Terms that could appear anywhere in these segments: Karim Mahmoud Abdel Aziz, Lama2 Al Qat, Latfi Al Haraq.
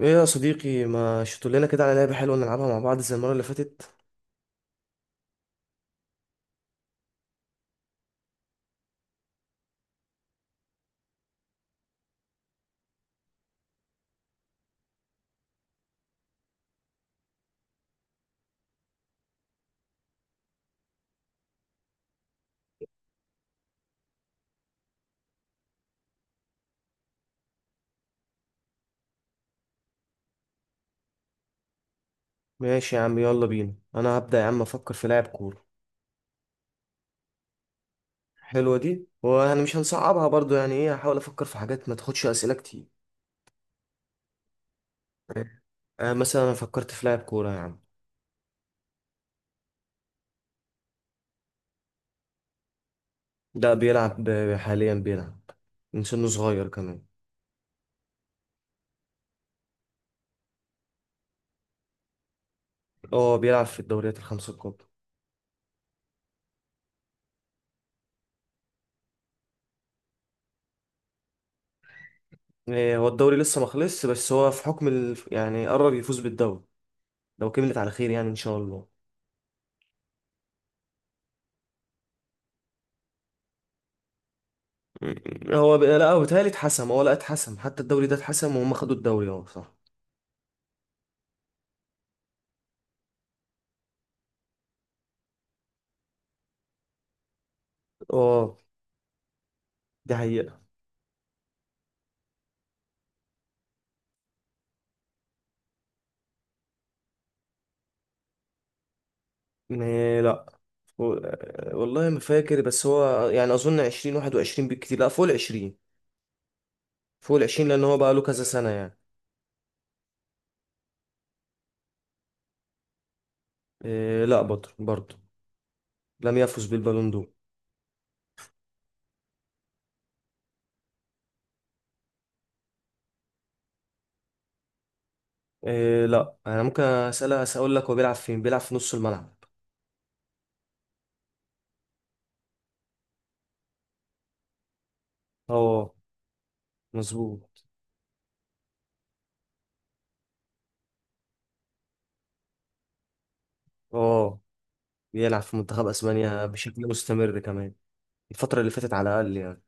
ايه يا صديقي، ما شفتوا لنا كده على لعبة حلوة نلعبها مع بعض زي المرة اللي فاتت؟ ماشي يا عم، يلا بينا. انا هبدأ يا عم، افكر في لاعب كورة. حلوة دي، وانا مش هنصعبها برضو، يعني ايه، هحاول افكر في حاجات ما تاخدش اسئلة كتير. آه مثلا انا فكرت في لاعب كورة يا عم. ده بيلعب حاليا بيلعب من سنه صغير كمان. اه بيلعب في الدوريات الخمسة الكبرى. إيه، هو الدوري لسه ما خلصش، بس هو في حكم يعني قرب يفوز بالدوري لو كملت على خير يعني ان شاء الله. هو لا، هو بيتهيألي اتحسم، هو لا اتحسم حتى، الدوري ده اتحسم وهم خدوا الدوري، اه صح. اه دي حقيقة. لا. والله ما فاكر، بس هو يعني أظن 20، 21 بالكتير، لا فوق الـ20. فوق العشرين لأن هو بقى له كذا سنة يعني. إيه لا، بطل برضه لم يفز بالبالون دور. إيه لا، أنا ممكن أسألها، أقول لك هو بيلعب فين؟ بيلعب في نص الملعب. اه مظبوط. اه بيلعب في منتخب أسبانيا بشكل مستمر كمان، الفترة اللي فاتت على الأقل يعني.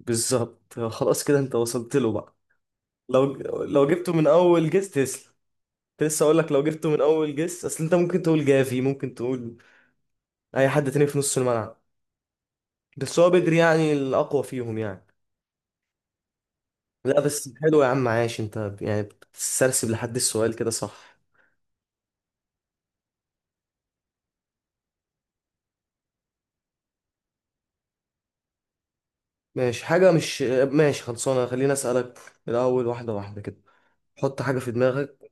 بالظبط، خلاص كده انت وصلت له بقى. لو لو جبته من اول جيس تسلا، كنت لسه اقول لك لو جبته من اول جيس، اصل انت ممكن تقول جافي، ممكن تقول اي حد تاني في نص الملعب، بس هو بدري يعني الاقوى فيهم يعني. لا بس حلو يا عم، عاش انت، يعني بتسترسب لحد السؤال كده صح. ماشي، حاجة مش، ماشي خلصانة، خليني اسألك الاول واحدة واحدة كده. حط حاجة في دماغك.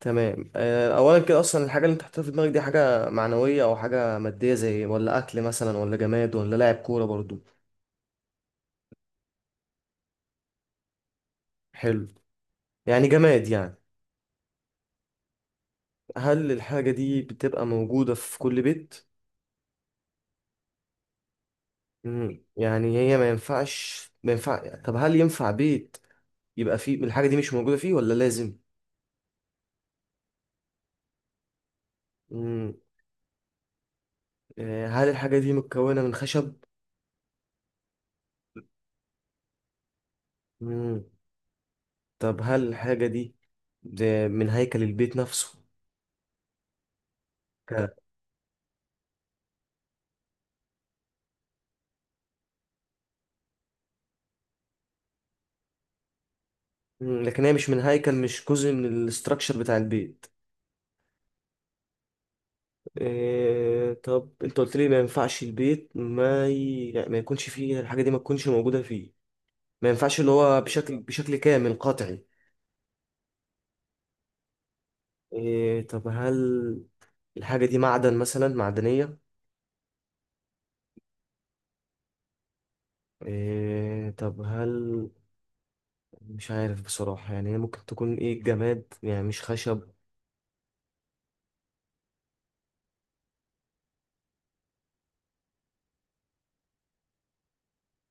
تمام، اولا كده اصلا الحاجه اللي انت حاططها في دماغك دي حاجه معنويه او حاجه ماديه زي، ولا اكل مثلا، ولا جماد، ولا لاعب كوره برضو؟ حلو، يعني جماد يعني. هل الحاجه دي بتبقى موجوده في كل بيت؟ يعني هي ما ينفعش، ما ينفع، طب هل ينفع بيت يبقى فيه الحاجه دي مش موجوده فيه ولا لازم؟ مم، هل الحاجه دي متكونه من خشب؟ مم، طب هل الحاجه دي ده من هيكل البيت نفسه؟ لكن هي مش من هيكل، مش جزء من الاستراكشر بتاع البيت. إيه طب انت قلت لي ما ينفعش البيت ما ي... يعني ما يكونش فيه الحاجة دي، ما تكونش موجودة فيه، ما ينفعش، اللي هو بشكل كامل قطعي. إيه طب هل الحاجة دي معدن مثلا، معدنية؟ إيه طب هل، مش عارف بصراحة، يعني هي ممكن تكون ايه؟ جماد يعني مش خشب.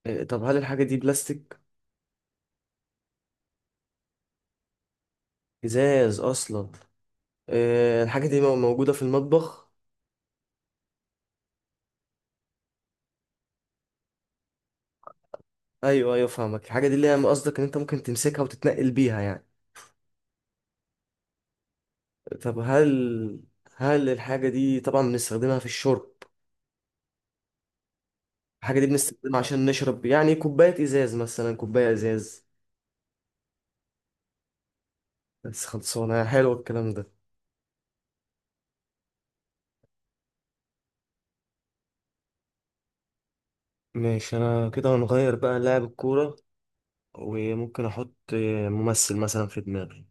إيه طب هل الحاجة دي بلاستيك؟ ازاز اصلا؟ إيه الحاجة دي موجودة في المطبخ؟ ايوه ايوه، فاهمك. الحاجه دي اللي هي قصدك ان انت ممكن تمسكها وتتنقل بيها يعني. طب هل، هل الحاجه دي طبعا بنستخدمها في الشرب؟ الحاجه دي بنستخدمها عشان نشرب، يعني كوبايه ازاز مثلا، كوبايه ازاز. بس خلصانه، حلو الكلام ده. ماشي انا كده هنغير بقى لاعب الكوره، وممكن احط ممثل مثلا في دماغي،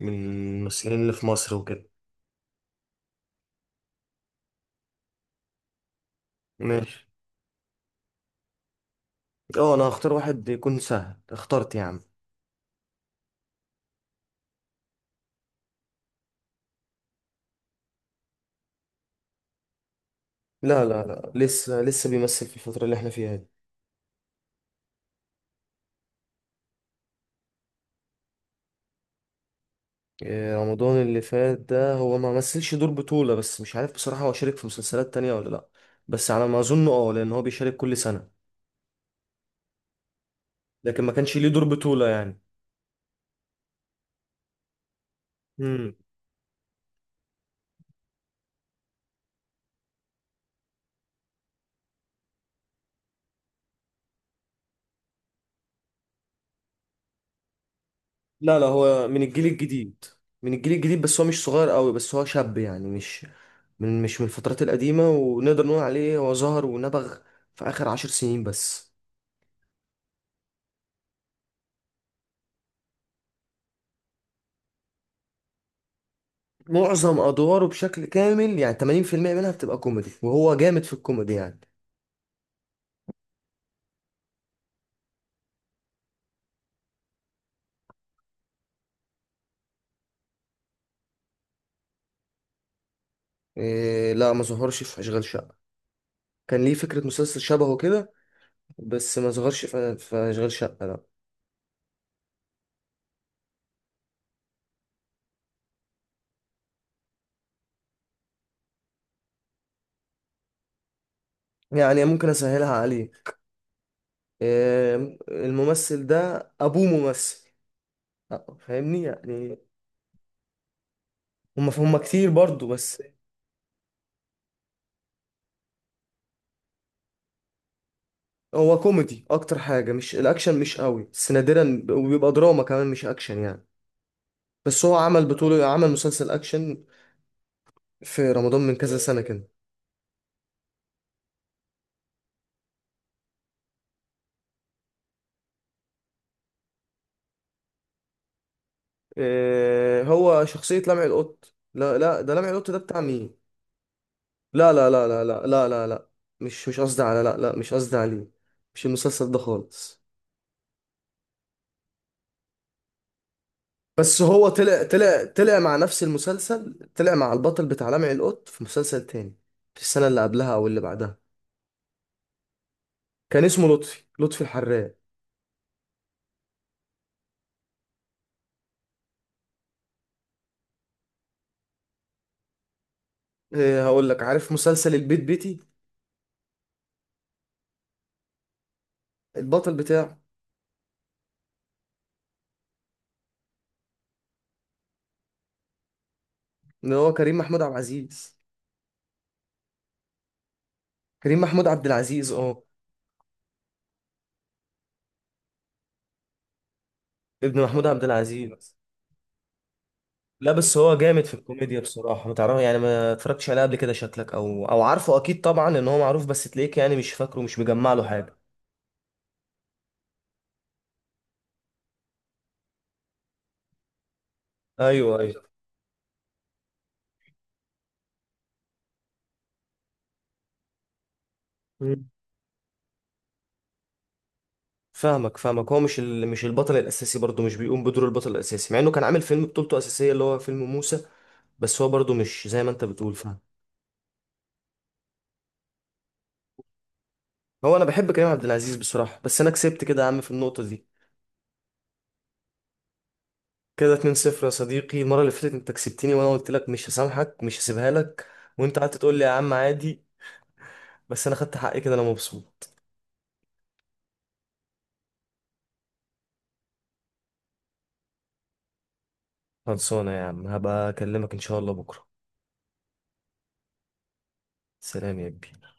من الممثلين اللي في مصر وكده. ماشي. اه انا هختار واحد يكون سهل، اخترت يا عم. لا لا لا، لسه بيمثل في الفتره اللي احنا فيها دي. إيه، رمضان اللي فات ده هو ما مثلش دور بطولة، بس مش عارف بصراحة هو شارك في مسلسلات تانية ولا لأ، بس على ما أظن اه، لأن هو بيشارك كل سنة. لكن ما كانش ليه دور بطولة يعني. مم. لا لا، هو من الجيل الجديد. من الجيل الجديد، بس هو مش صغير قوي، بس هو شاب يعني، مش من، مش من الفترات القديمة، ونقدر نقول عليه هو ظهر ونبغ في آخر 10 سنين بس. معظم أدواره بشكل كامل يعني 80% منها بتبقى كوميدي، وهو جامد في الكوميدي يعني. إيه لا، ما ظهرش في أشغال شقة. كان ليه فكرة مسلسل شبهه كده، بس ما ظهرش في في أشغال شقة، لا. يعني ممكن أسهلها عليه. الممثل ده أبوه ممثل، فاهمني يعني. هما كتير برضو بس. هو كوميدي أكتر حاجة، مش الأكشن، مش قوي بس نادرا، وبيبقى دراما كمان مش أكشن يعني. بس هو عمل بطولة، عمل مسلسل أكشن في رمضان من كذا سنة كده. هو شخصية لمع القط؟ لا لا، ده لمع القط ده بتاع مين؟ لا لا لا لا لا لا لا لا. مش، مش قصدي على، لا لا مش قصدي عليه، مش المسلسل ده خالص. بس هو طلع مع نفس المسلسل، طلع مع البطل بتاع لمع القط في مسلسل تاني، في السنة اللي قبلها أو اللي بعدها. كان اسمه لطفي، الحراق. إيه هقول لك، عارف مسلسل البيت بيتي؟ البطل بتاعه اللي هو كريم محمود عبد العزيز. كريم محمود عبد العزيز، اه. ابن محمود عبد العزيز. لا بس هو جامد في الكوميديا بصراحة، ما تعرف يعني، ما اتفرجتش عليه قبل كده؟ شكلك، او او عارفه اكيد طبعا ان هو معروف، بس تلاقيك يعني مش فاكره، مش مجمع له حاجة. ايوه ايوه. مم. فاهمك فاهمك، هو مش البطل الاساسي برضه، مش بيقوم بدور البطل الاساسي، مع انه كان عامل فيلم بطولته اساسية اللي هو فيلم موسى، بس هو برضه مش زي ما انت بتقول فاهم. هو انا بحب كريم عبد العزيز بصراحة، بس انا كسبت كده يا عم في النقطة دي. كده 2-0 يا صديقي. المرة اللي فاتت انت كسبتني وانا قلت لك مش هسامحك، مش هسيبها لك، وانت قعدت تقول لي يا عم عادي، بس انا خدت حقي كده، انا مبسوط. خلصانة يا عم، هبقى أكلمك إن شاء الله بكرة. سلام يا كبير.